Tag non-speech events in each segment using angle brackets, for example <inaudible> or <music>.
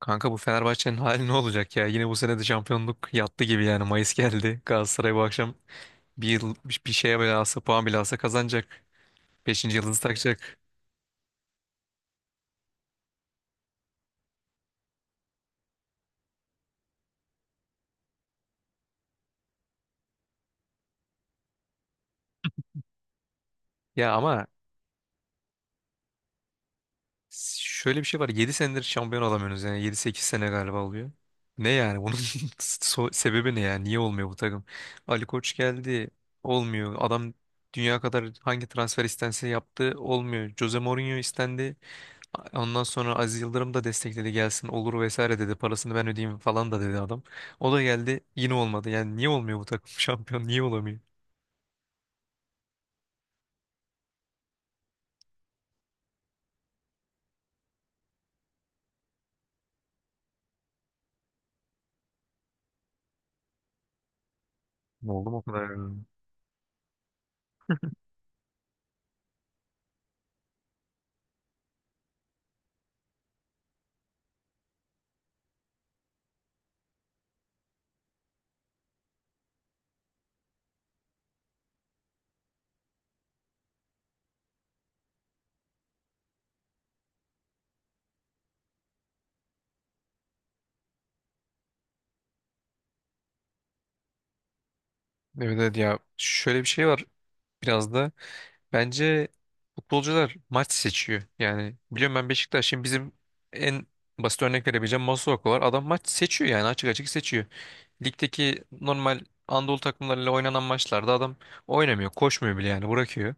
Kanka bu Fenerbahçe'nin hali ne olacak ya? Yine bu sene de şampiyonluk yattı gibi yani. Mayıs geldi. Galatasaray bu akşam bir yıl bir şeye bile alsa puan bile alsa kazanacak. Beşinci yıldızı takacak. Ya ama şöyle bir şey var. Yedi senedir şampiyon olamıyorsunuz yani. Yedi sekiz sene galiba oluyor. Ne yani? Bunun <laughs> sebebi ne yani? Niye olmuyor bu takım? Ali Koç geldi. Olmuyor. Adam dünya kadar hangi transfer istense yaptı. Olmuyor. Jose Mourinho istendi. Ondan sonra Aziz Yıldırım da destekledi gelsin olur vesaire dedi. Parasını ben ödeyeyim falan da dedi adam. O da geldi yine olmadı. Yani niye olmuyor bu takım <laughs> şampiyon? Niye olamıyor? Ne oldu mu? O kadar be. Evet, evet ya şöyle bir şey var biraz da. Bence futbolcular maç seçiyor. Yani biliyorum ben Beşiktaş'ın bizim en basit örnek verebileceğim Masuaku var. Adam maç seçiyor yani açık açık seçiyor. Ligdeki normal Anadolu takımlarıyla oynanan maçlarda adam oynamıyor, koşmuyor bile yani bırakıyor.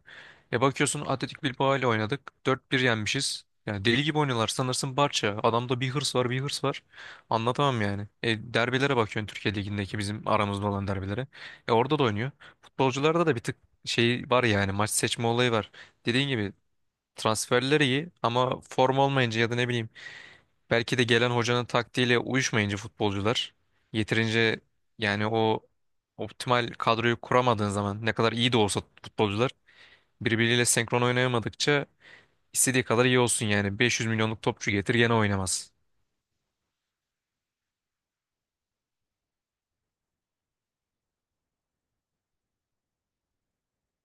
E bakıyorsun Atletik Bilbao ile oynadık. Dört 1 yenmişiz. Yani deli gibi oynuyorlar. Sanırsın Barça. Adamda bir hırs var, bir hırs var. Anlatamam yani. E derbilere bakıyorsun Türkiye Ligi'ndeki bizim aramızda olan derbilere. E orada da oynuyor. Futbolcularda da bir tık şey var ya yani maç seçme olayı var. Dediğin gibi transferleri iyi ama form olmayınca ya da ne bileyim belki de gelen hocanın taktiğiyle uyuşmayınca futbolcular yeterince yani o optimal kadroyu kuramadığın zaman ne kadar iyi de olsa futbolcular birbiriyle senkron oynayamadıkça istediği kadar iyi olsun yani 500 milyonluk topçu getir gene oynamaz.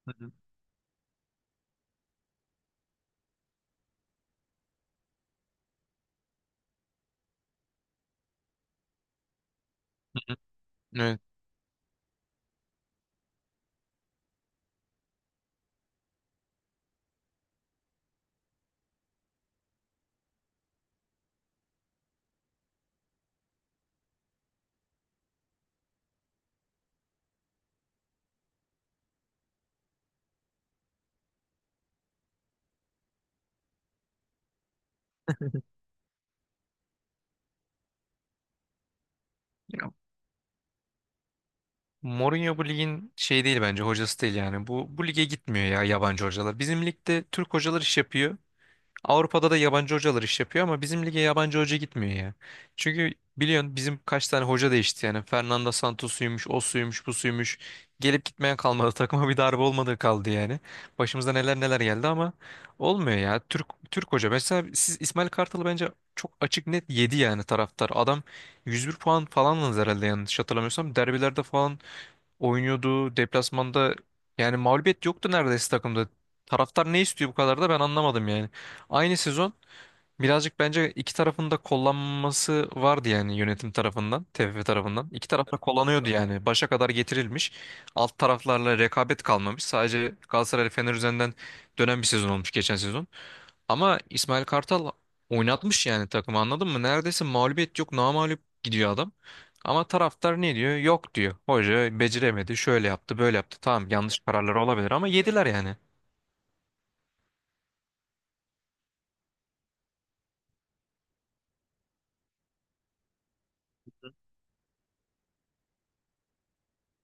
Hı hı. Hı hı. Evet. Ya, Mourinho bu ligin şey değil bence hocası değil yani. Bu lige gitmiyor ya yabancı hocalar. Bizim ligde Türk hocalar iş yapıyor. Avrupa'da da yabancı hocalar iş yapıyor ama bizim lige yabancı hoca gitmiyor ya. Çünkü biliyorsun bizim kaç tane hoca değişti yani. Fernando Santos'uymuş, o suymuş, bu suymuş. Gelip gitmeyen kalmadı. <laughs> Takıma bir darbe olmadığı kaldı yani. Başımıza neler neler geldi ama olmuyor ya. Türk hoca. Mesela siz İsmail Kartal'ı bence çok açık net yedi yani taraftar. Adam 101 puan falan aldı herhalde yanlış hatırlamıyorsam. Derbilerde falan oynuyordu. Deplasmanda yani mağlubiyet yoktu neredeyse takımda. Taraftar ne istiyor bu kadar da ben anlamadım yani. Aynı sezon birazcık bence iki tarafın da kullanması vardı yani yönetim tarafından, TFF tarafından. İki taraf da kullanıyordu yani. Başa kadar getirilmiş. Alt taraflarla rekabet kalmamış. Sadece Galatasaray Fener üzerinden dönen bir sezon olmuş geçen sezon. Ama İsmail Kartal oynatmış yani takımı anladın mı? Neredeyse mağlubiyet yok, namağlup gidiyor adam. Ama taraftar ne diyor? Yok diyor. Hoca beceremedi, şöyle yaptı, böyle yaptı. Tamam yanlış kararlar olabilir ama yediler yani.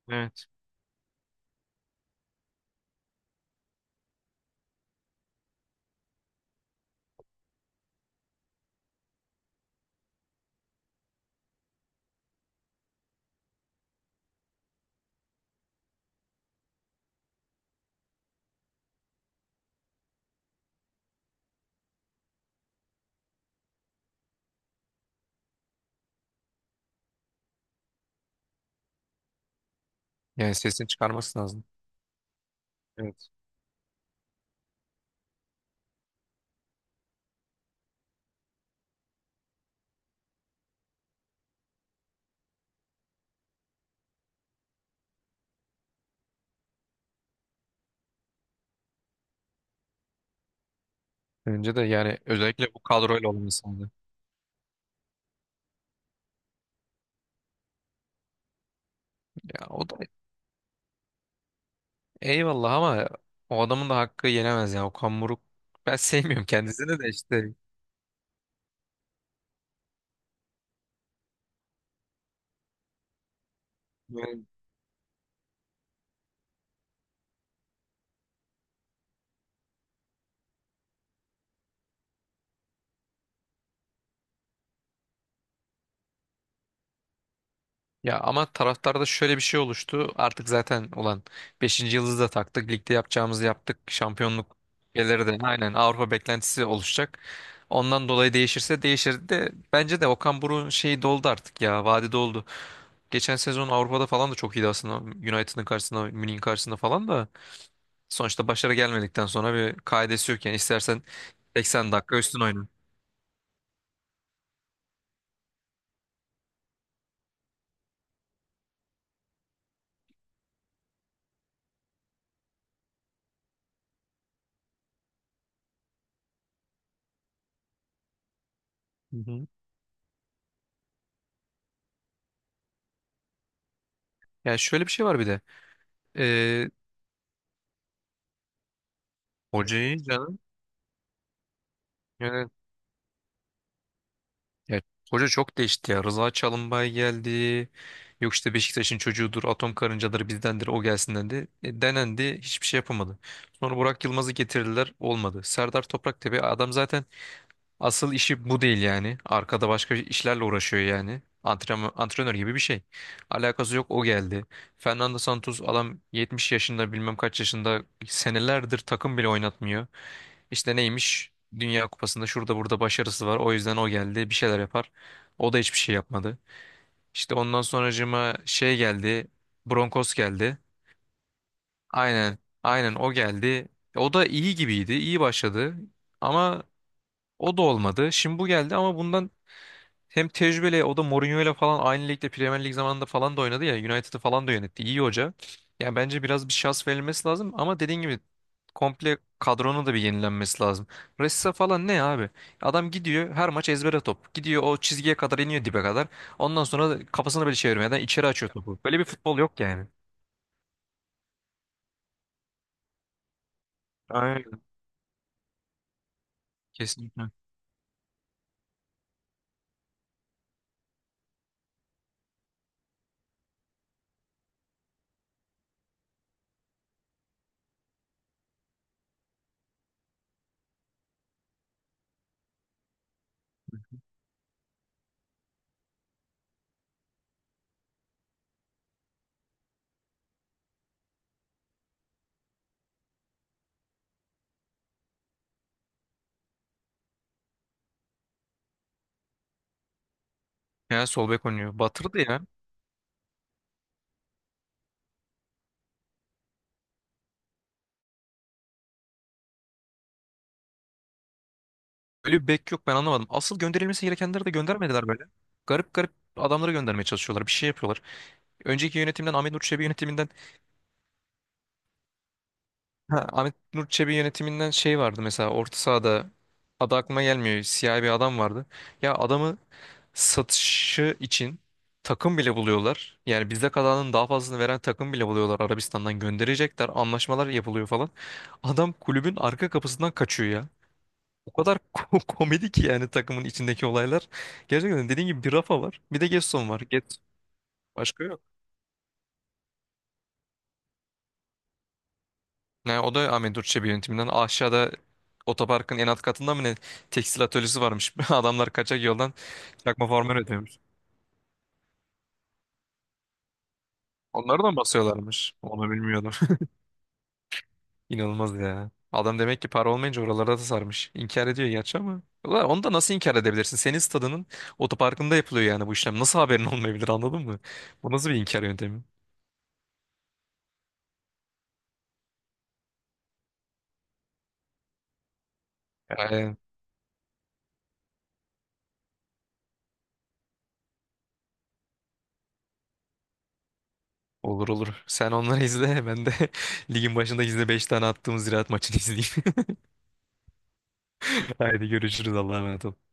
Evet. Yani sesini çıkarması lazım. Evet. Önce de yani özellikle bu kadroyla olan insandı. Ya o da eyvallah ama o adamın da hakkı yenemez ya. Okan Buruk ben <laughs> sevmiyorum kendisini de işte. Ya ama taraftarda şöyle bir şey oluştu. Artık zaten olan beşinci yıldızı da taktık. Ligde yapacağımızı yaptık. Şampiyonluk gelir de aynen Avrupa beklentisi oluşacak. Ondan dolayı değişirse değişir de bence de Okan Buruk'un şeyi doldu artık ya. Vadi doldu. Geçen sezon Avrupa'da falan da çok iyiydi aslında. United'ın karşısında, Münih'in karşısında falan da sonuçta başarı gelmedikten sonra bir kaidesi yok yani. İstersen 80 dakika üstün oyna. Hı hı. Yani şöyle bir şey var bir de. Ee, hocayı yani ya, hoca çok değişti ya. Rıza Çalımbay geldi. Yok işte Beşiktaş'ın çocuğudur, atom karıncaları bizdendir, o gelsin dendi. Denendi, hiçbir şey yapamadı. Sonra Burak Yılmaz'ı getirdiler, olmadı. Serdar Topraktepe adam zaten asıl işi bu değil yani. Arkada başka işlerle uğraşıyor yani. Antrenman, antrenör gibi bir şey. Alakası yok o geldi. Fernando Santos adam 70 yaşında bilmem kaç yaşında senelerdir takım bile oynatmıyor. İşte neymiş? Dünya Kupası'nda şurada burada başarısı var. O yüzden o geldi. Bir şeyler yapar. O da hiçbir şey yapmadı. İşte ondan sonracığıma şey geldi. Broncos geldi. Aynen. Aynen o geldi. O da iyi gibiydi. İyi başladı. Ama o da olmadı. Şimdi bu geldi ama bundan hem tecrübeli o da Mourinho'yla falan aynı ligde Premier Lig zamanında falan da oynadı ya. United'ı falan da yönetti. İyi hoca. Yani bence biraz bir şans verilmesi lazım ama dediğin gibi komple kadronun da bir yenilenmesi lazım. Ressa falan ne abi? Adam gidiyor her maç ezbere top. Gidiyor o çizgiye kadar iniyor dibe kadar. Ondan sonra da kafasını böyle çevirmeden içeri açıyor topu. Böyle bir futbol yok yani. Aynen. Kesinlikle. Yani sol bek oynuyor. Batırdı ya. Böyle bir bek yok ben anlamadım. Asıl gönderilmesi gerekenleri de göndermediler böyle. Garip garip adamları göndermeye çalışıyorlar. Bir şey yapıyorlar. Önceki yönetimden Ahmet Nur Çebi yönetiminden ha, Ahmet Nur Çebi yönetiminden şey vardı mesela orta sahada adı aklıma gelmiyor. Siyah bir adam vardı. Ya adamı satışı için takım bile buluyorlar. Yani bizde kalanın daha fazlasını veren takım bile buluyorlar. Arabistan'dan gönderecekler. Anlaşmalar yapılıyor falan. Adam kulübün arka kapısından kaçıyor ya. O kadar <laughs> komedi ki yani takımın içindeki olaylar. Gerçekten dediğim gibi bir Rafa var. Bir de Gedson var. Get başka yok. Ne o da Ahmet Durçebi yönetiminden. Aşağıda otoparkın en alt katında mı ne tekstil atölyesi varmış. <laughs> Adamlar kaçak yoldan çakma forma üretiyormuş. Onları da mı basıyorlarmış? Onu bilmiyordum. <laughs> İnanılmaz ya. Adam demek ki para olmayınca oralarda da sarmış. İnkar ediyor gerçi ama. Ulan onu da nasıl inkar edebilirsin? Senin stadının otoparkında yapılıyor yani bu işlem. Nasıl haberin olmayabilir anladın mı? Bu nasıl bir inkar yöntemi? Yani olur olur. Sen onları izle. Ben de <laughs> ligin başında izle 5 tane attığımız ziraat maçını izleyeyim. <laughs> Haydi görüşürüz. Allah'a emanet ol.